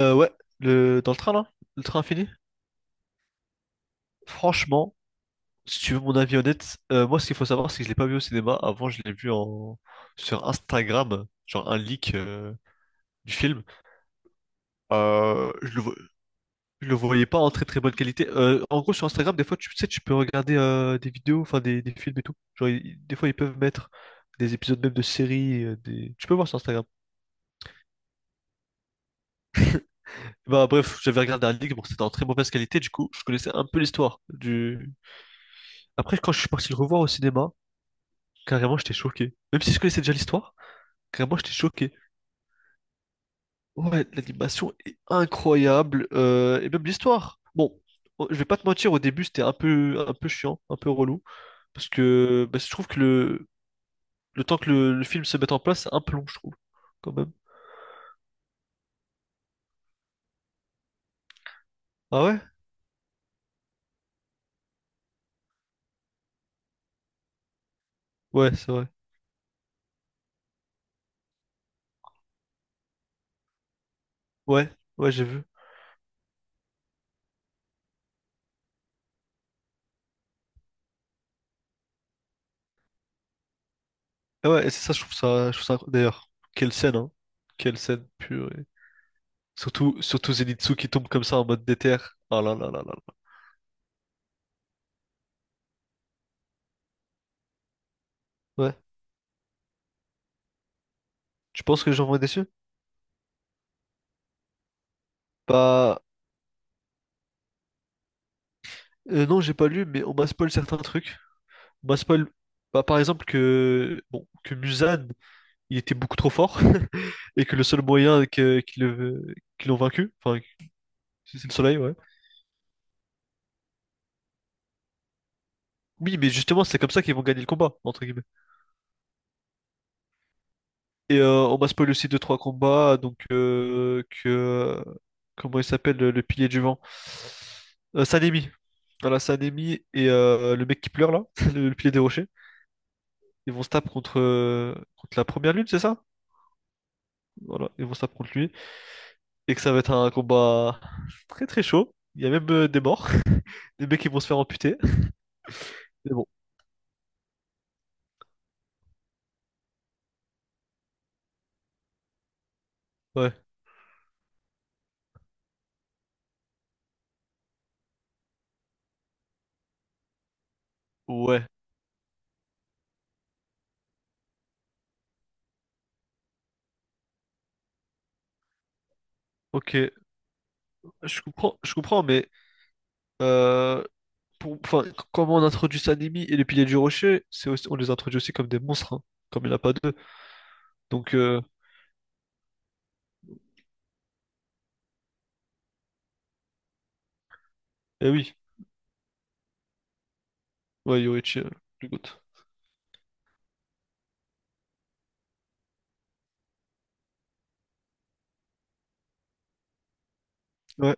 Ouais, dans le train là, le train infini. Franchement, si tu veux mon avis honnête, moi ce qu'il faut savoir c'est que je l'ai pas vu au cinéma. Avant je l'ai vu en sur Instagram, genre un leak du film. Je je le voyais pas en très très bonne qualité. En gros sur Instagram des fois tu sais tu peux regarder des vidéos, enfin des films et tout. Genre des fois ils peuvent mettre des épisodes même de séries, tu peux voir sur Instagram. Bah bref, j'avais regardé un leak, bon c'était en très mauvaise qualité du coup je connaissais un peu l'histoire du. Après quand je suis parti le revoir au cinéma. Carrément, j'étais choqué. Même si je connaissais déjà l'histoire, carrément, j'étais choqué. Ouais, l'animation est incroyable, et même l'histoire. Bon, oh, je vais pas te mentir, au début, c'était un peu chiant, un peu relou, parce que bah, je trouve que le temps que le film se mette en place, c'est un peu long, je trouve, quand même. Ah ouais? Ouais, c'est vrai. Ouais, ouais, j'ai vu. Ah ouais, et c'est ça, je trouve ça, je trouve ça. D'ailleurs, quelle scène, hein? Quelle scène purée. Surtout, surtout Zenitsu qui tombe comme ça en mode déter. Ah là là là là là. Ouais. Tu penses que les gens vont être déçus? Bah, non, j'ai pas lu, mais on m'a spoil certains trucs. On m'a spoil, bah, par exemple, que, bon, que Musan, il était beaucoup trop fort, et que le seul moyen que, qu'ils l'ont vaincu, enfin, c'est le soleil, ouais. Oui, mais justement, c'est comme ça qu'ils vont gagner le combat, entre guillemets. Et on m'a spoil aussi deux, trois combats, donc que. Comment il s'appelle, le pilier du vent? Sanemi. Voilà, Sanemi et le mec qui pleure là, le pilier des rochers. Ils vont se taper contre la première lune, c'est ça? Voilà, ils vont se taper contre lui, et que ça va être un combat très très chaud. Il y a même des morts, des mecs qui vont se faire amputer. Mais bon, ouais, ouais, ok. Je comprends, mais euh, pour, enfin, comment on introduit Sanemi et les piliers du rocher, c'est aussi, on les introduit aussi comme des monstres, hein, comme il n'y en a pas deux. Donc, eh oui, ouais, Yoichi, le GOAT. Ouais.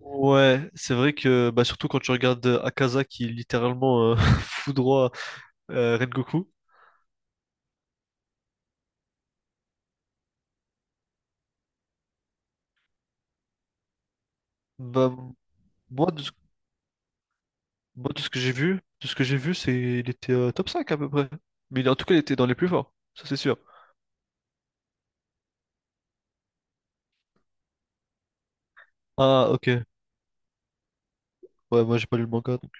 Ouais, c'est vrai que bah, surtout quand tu regardes Akaza qui littéralement fout droit Rengoku, bah, moi, Moi, de ce que j'ai vu, de ce que j'ai vu, c'est il était top 5 à peu près. Mais en tout cas, il était dans les plus forts, ça c'est sûr. Ah, ok. Ouais, moi j'ai pas lu le manga donc.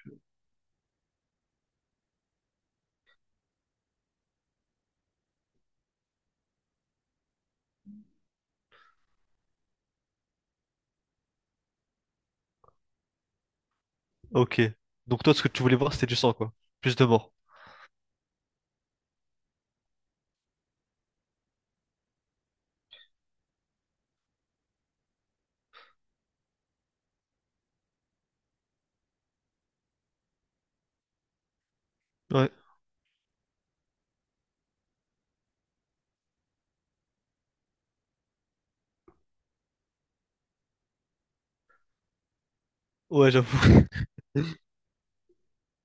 Ok. Donc toi, ce que tu voulais voir, c'était du sang quoi. Plus de morts. Ouais. Ouais, j'avoue.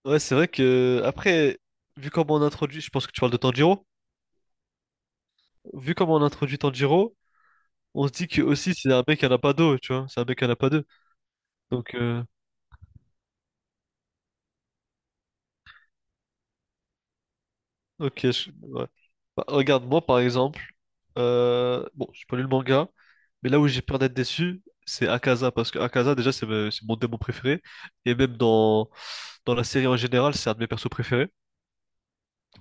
Ouais, c'est vrai que après, vu comment on introduit, je pense que tu parles de Tanjiro. Vu comment on introduit Tanjiro, on se dit que aussi c'est un mec qui en a pas deux, tu vois. C'est un mec qui en a pas deux. Donc ok, ouais. Bah, regarde, moi par exemple, bon, j'ai pas lu le manga, mais là où j'ai peur d'être déçu, c'est Akaza, parce que Akaza, déjà, c'est mon démon préféré, et même dans la série en général, c'est un de mes persos préférés.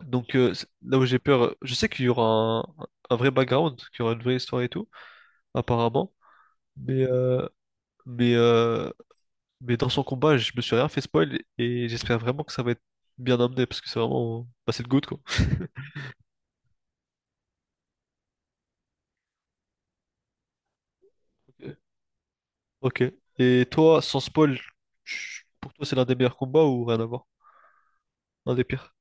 Donc là où j'ai peur, je sais qu'il y aura un vrai background, qu'il y aura une vraie histoire et tout, apparemment, mais, euh, mais, euh, mais dans son combat, je me suis rien fait spoil, et j'espère vraiment que ça va être bien amené, parce que c'est vraiment, bah, c'est le GOAT, quoi. Ok. Et toi, sans spoil, pour toi, c'est l'un des meilleurs combats ou rien à voir? Un des pires.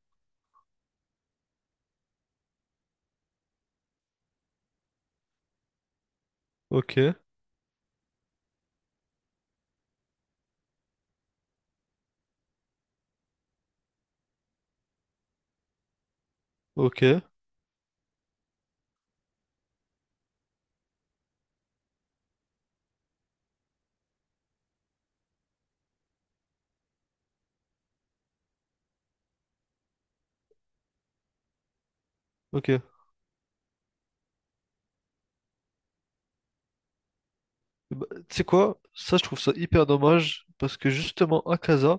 Ok, ok, ok. Bah, tu sais quoi? Ça, je trouve ça hyper dommage parce que justement, à Akaza,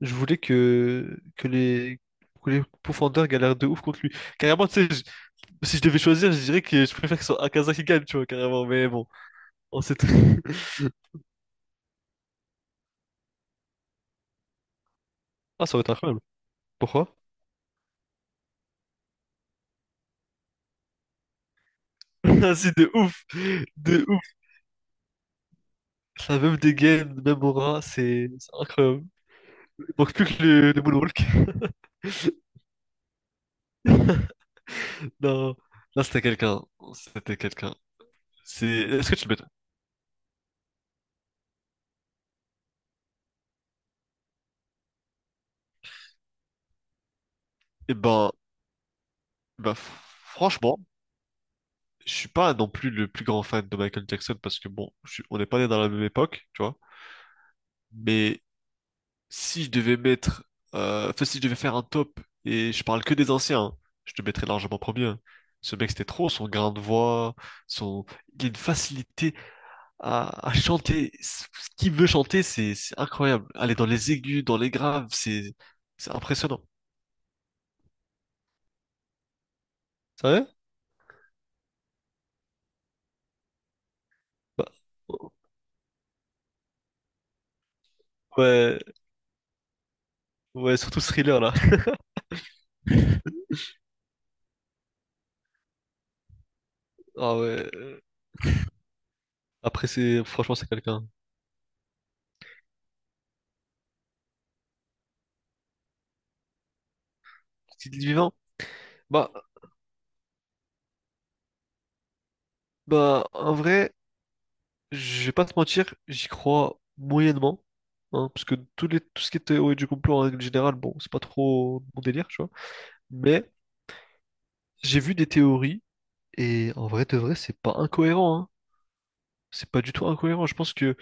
je voulais que les profondeurs galèrent de ouf contre lui. Carrément, tu sais, si je devais choisir, je dirais que je préfère que ce soit Akaza qui gagne, tu vois, carrément. Mais bon, on sait tout. Ah, ça va être incroyable. Pourquoi? Ah, si, de ouf! De ouf! Ça a même des gains, même aura, c'est incroyable. Il manque plus que le moonwalk. Non, là c'était quelqu'un, c'était quelqu'un. Est-ce que tu le mettrais? Eh ben, ben, franchement, je suis pas non plus le plus grand fan de Michael Jackson parce que bon, on n'est pas né dans la même époque, tu vois. Mais si je devais mettre, enfin, si je devais faire un top et je parle que des anciens, hein, je te mettrais largement premier, hein. Ce mec c'était trop, son grain de voix, son, il a une facilité à chanter. Ce qu'il veut chanter, c'est incroyable. Aller dans les aigus, dans les graves, c'est impressionnant. Ça va Bah, ouais, ouais, surtout Thriller là. Ah ouais. Après, c'est franchement, c'est quelqu'un. Est vivant? Bah, bah, en vrai, je vais pas te mentir, j'y crois moyennement. Hein, parce que tout ce qui est théorie du complot en règle générale, bon, c'est pas trop mon délire, tu vois. Mais j'ai vu des théories, et en vrai de vrai, c'est pas incohérent, hein. C'est pas du tout incohérent. Je pense que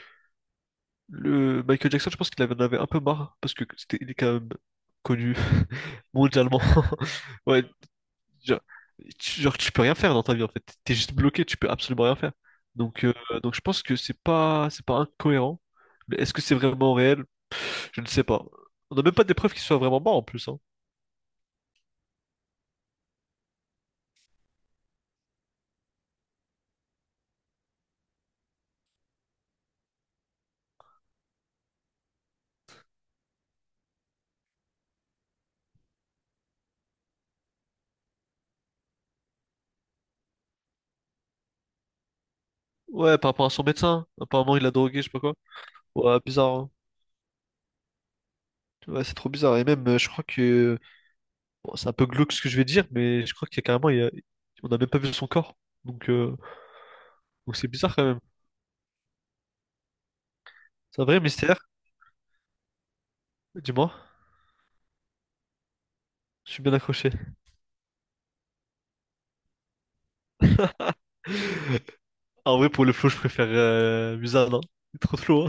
le Michael Jackson, je pense qu'il en avait un peu marre, parce que il est quand même connu mondialement. Ouais, genre, genre, tu peux rien faire dans ta vie en fait. T'es juste bloqué, tu peux absolument rien faire. Donc, euh, donc, je pense que c'est pas incohérent. Mais est-ce que c'est vraiment réel? Je ne sais pas. On n'a même pas des preuves qu'il soit vraiment mort en plus, hein. Ouais, par rapport à son médecin. Apparemment, il l'a drogué, je sais pas quoi. Ouais, bizarre, hein. Ouais, c'est trop bizarre. Et même, je crois que. Bon, c'est un peu glauque ce que je vais dire, mais je crois qu'il y a carrément. On n'a même pas vu son corps. Donc, euh, donc, c'est bizarre quand même. C'est un vrai mystère. Dis-moi, je suis bien accroché. En vrai, pour le flow, je préfère Musa, non? Il est trop slow,